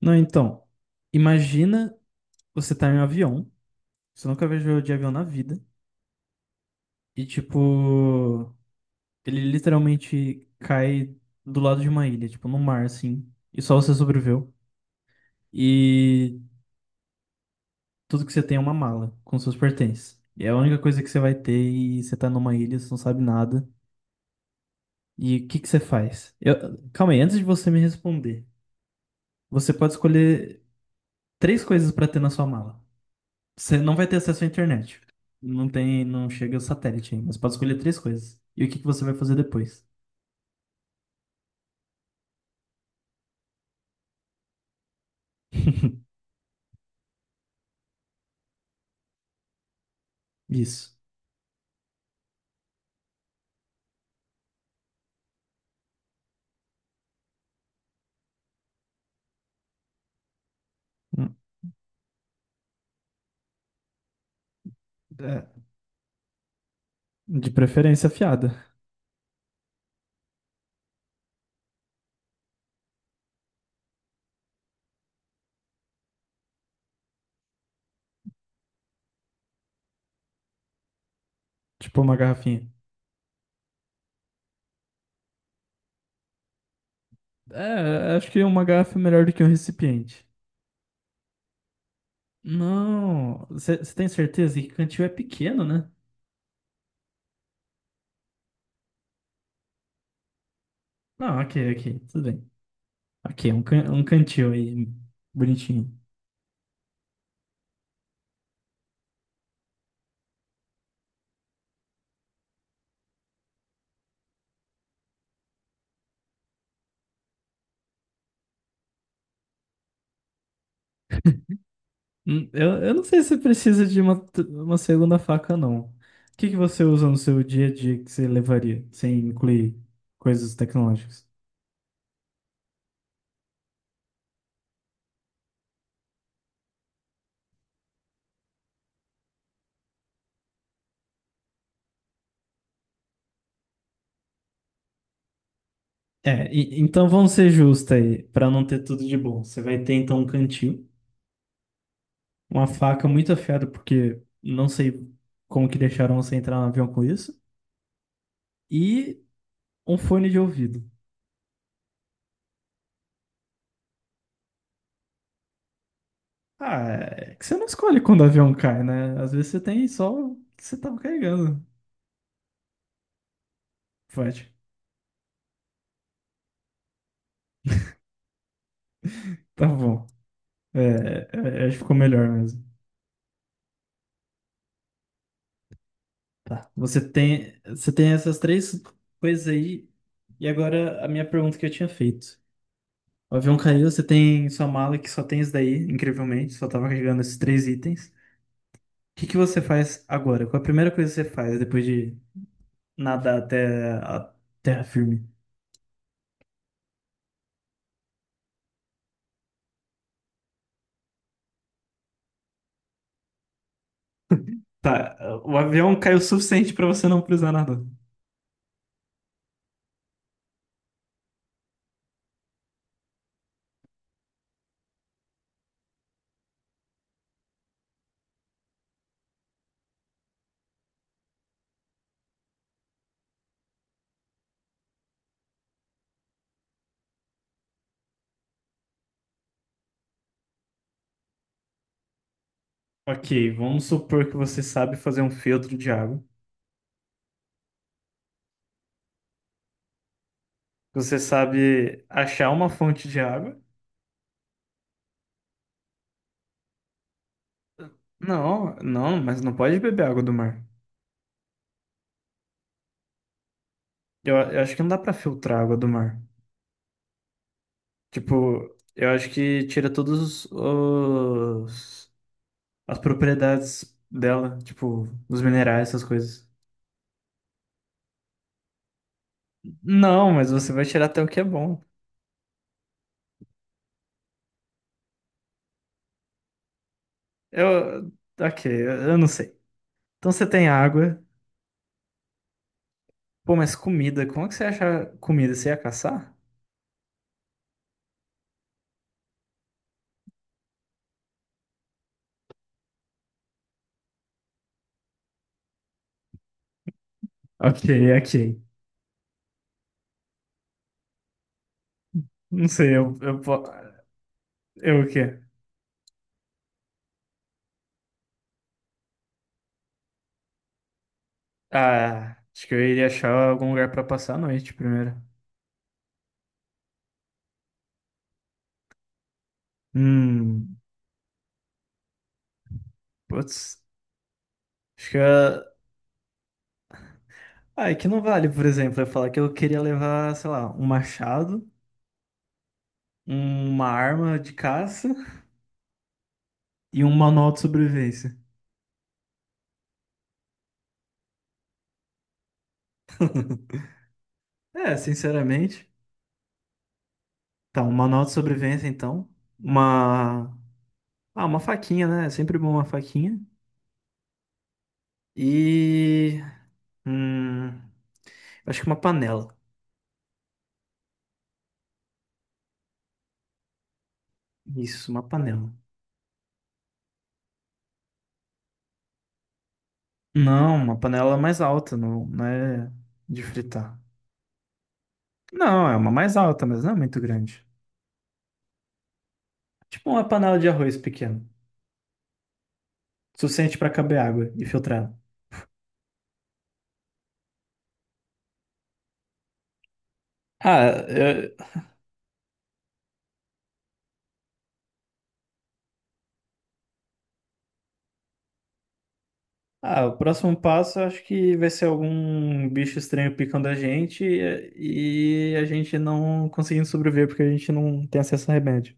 Não, então, imagina você tá em um avião, você nunca viajou de avião na vida, e tipo, ele literalmente cai do lado de uma ilha, tipo, no mar, assim, e só você sobreviveu. E tudo que você tem é uma mala com seus pertences. E é a única coisa que você vai ter e você tá numa ilha, você não sabe nada. E o que que você faz? Calma aí, antes de você me responder, você pode escolher três coisas pra ter na sua mala. Você não vai ter acesso à internet. Não chega o satélite ainda. Você pode escolher três coisas. E o que que você vai fazer depois? Isso. Hum, É, de preferência afiada. Tipo uma garrafinha. É, acho que uma garrafa é melhor do que um recipiente. Não. Você tem certeza que cantil é pequeno, né? Não, ok. Tudo bem. Ok, um cantil aí. Bonitinho. Eu não sei se precisa de uma, uma segunda faca, não. O que que você usa no seu dia a dia que você levaria, sem incluir coisas tecnológicas? É, então vamos ser justos aí, para não ter tudo de bom. Você vai ter então um cantil, uma faca muito afiada, porque não sei como que deixaram você entrar no avião com isso, e um fone de ouvido. Ah, é que você não escolhe quando o avião cai, né? Às vezes você tem só o que você tava carregando. Pode. Tá bom. Acho que ficou melhor mesmo. Tá. Você tem essas três coisas aí. E agora a minha pergunta que eu tinha feito. O avião caiu, você tem sua mala que só tem isso daí, incrivelmente, só tava carregando esses três itens. O que que você faz agora? Qual é a primeira coisa que você faz depois de nadar até a terra firme? Tá, o avião caiu o suficiente pra você não precisar nadar. Ok, vamos supor que você sabe fazer um filtro de água. Que Você sabe achar uma fonte de água. Não, não, mas não pode beber água do mar. Eu acho que não dá pra filtrar a água do mar. Tipo, eu acho que tira as propriedades dela, tipo, os minerais, essas coisas. Não, mas você vai tirar até o que é bom. Eu, ok, eu não sei. Então você tem água. Pô, mas comida, como é que você acha comida? Você ia caçar? Ok, ok. Não sei, eu o quê? Ah, acho que eu iria achar algum lugar pra passar a noite primeiro. Hum, putz. Acho que eu, Ah, é que não vale, por exemplo, eu falar que eu queria levar, sei lá, um machado, uma arma de caça e um manual de sobrevivência. É, sinceramente. Tá, um manual de sobrevivência, então. Uma. Ah, uma faquinha, né? É sempre bom uma faquinha. E. Hum. Acho que uma panela. Isso, uma panela. Não, uma panela mais alta, não é de fritar. Não, é uma mais alta, mas não é muito grande. Tipo uma panela de arroz pequena. Suficiente para caber água e filtrar. Ah, eu- ah, o próximo passo eu acho que vai ser algum bicho estranho picando a gente e a gente não conseguindo sobreviver porque a gente não tem acesso a remédio.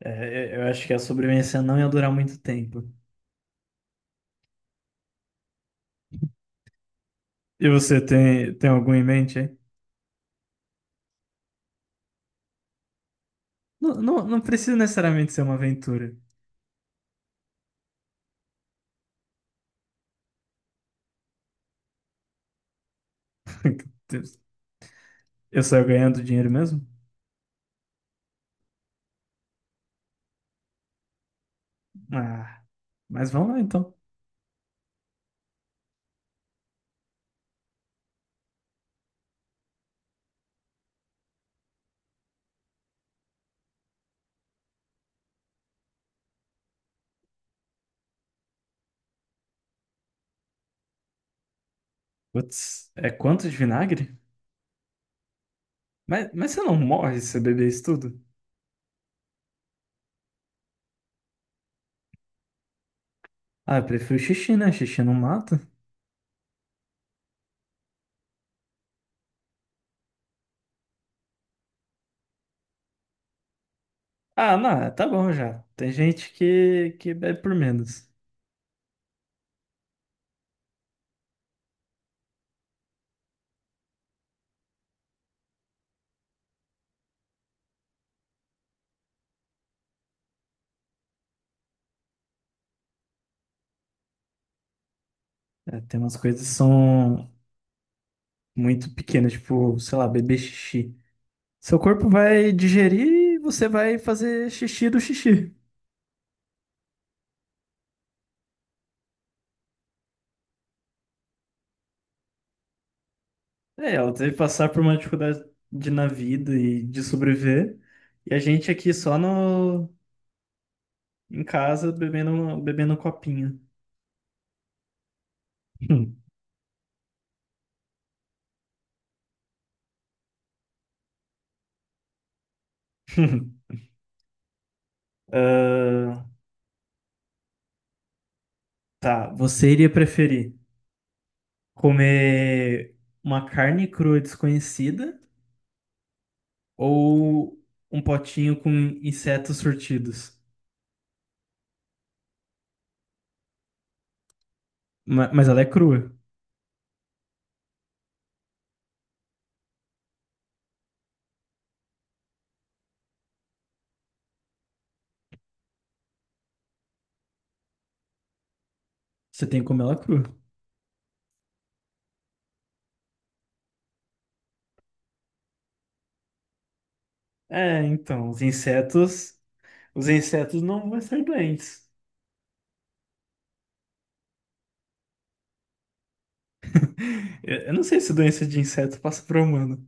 É, eu acho que a sobrevivência não ia durar muito tempo. E tem algum em mente aí? Não, não, não precisa necessariamente ser uma aventura. Eu saio ganhando dinheiro mesmo? Ah, mas vamos lá então. Putz, é quanto de vinagre? Mas você não morre se você beber isso tudo? Ah, eu prefiro xixi, né? Xixi não mata. Ah, não, é, tá bom já. Que bebe por menos. É, tem umas coisas que são muito pequenas, tipo, sei lá, beber xixi. Seu corpo vai digerir e você vai fazer xixi do xixi. É, ela teve que passar por uma dificuldade na vida e de sobreviver. E a gente aqui só no, em casa bebendo um copinho. Hum. Ah, tá, você iria preferir comer uma carne crua desconhecida ou um potinho com insetos surtidos? Mas ela é crua. Você tem que comer ela crua. É, então, os insetos não vão ser doentes. Eu não sei se doença de inseto passa para humano.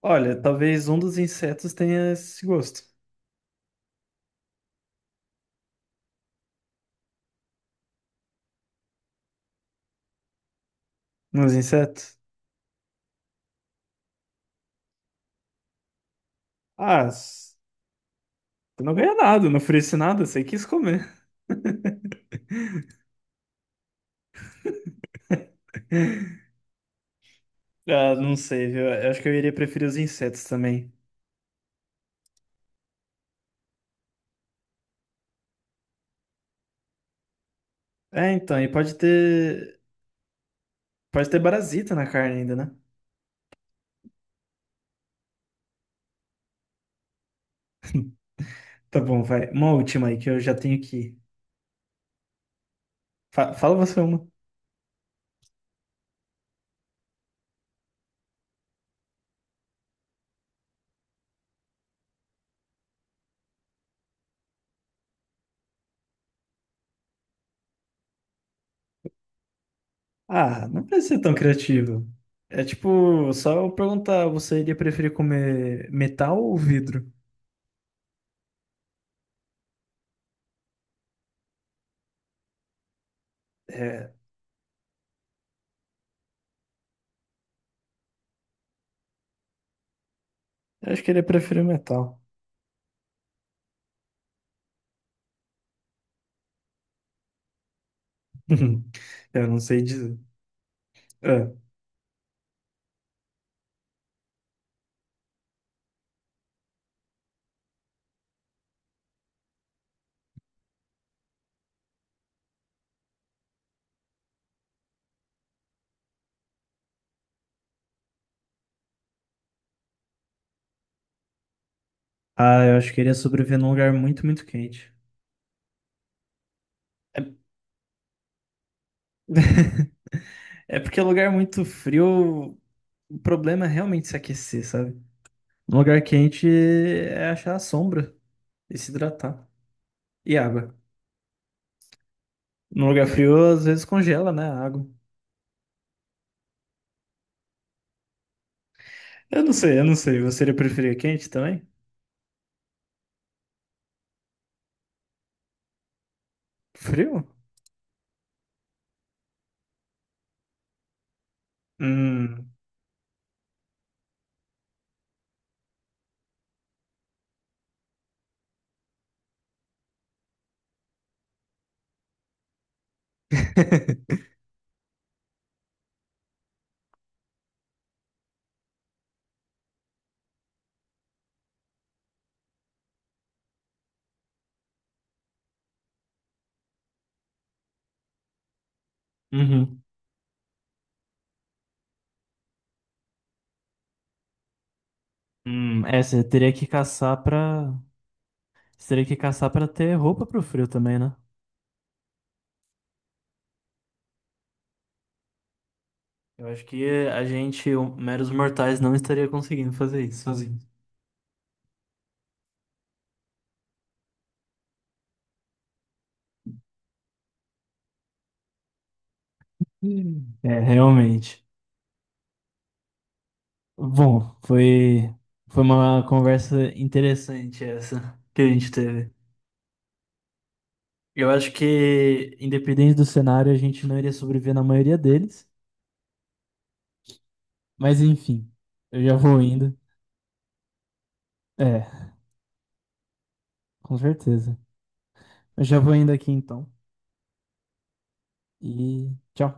Olha, talvez um dos insetos tenha esse gosto. Nos insetos? Ah, eu não ganhei nada, eu não ofereci nada, você quis comer. Ah, não sei, viu? Eu acho que eu iria preferir os insetos também. É, então, e pode ter parasita na carne ainda, né? Tá bom, vai. Uma última aí que eu já tenho que. Fala você uma. Ah, não precisa ser tão criativo. É tipo, só eu perguntar, você iria preferir comer metal ou vidro? É, eu acho que ele preferir metal. Eu não sei dizer. É. Ah, eu acho que ele ia sobreviver num lugar muito, muito quente. É, é porque lugar muito frio, o problema é realmente se aquecer, sabe? Um lugar quente é achar a sombra. E se hidratar. E água. Num lugar frio, às vezes congela, né? A água. Eu não sei. Você iria preferir quente também? Frio? Hum. Uhum. É, você teria que caçar pra. Você teria que caçar pra ter roupa pro frio também, né? Eu acho que a gente, meros mortais, não estaria conseguindo fazer isso sozinho. Hum. É, realmente. Bom, foi uma conversa interessante essa que a gente teve. Eu acho que, independente do cenário, a gente não iria sobreviver na maioria deles. Mas enfim, eu já vou indo. É, com certeza. Eu já vou indo aqui então. E tchau.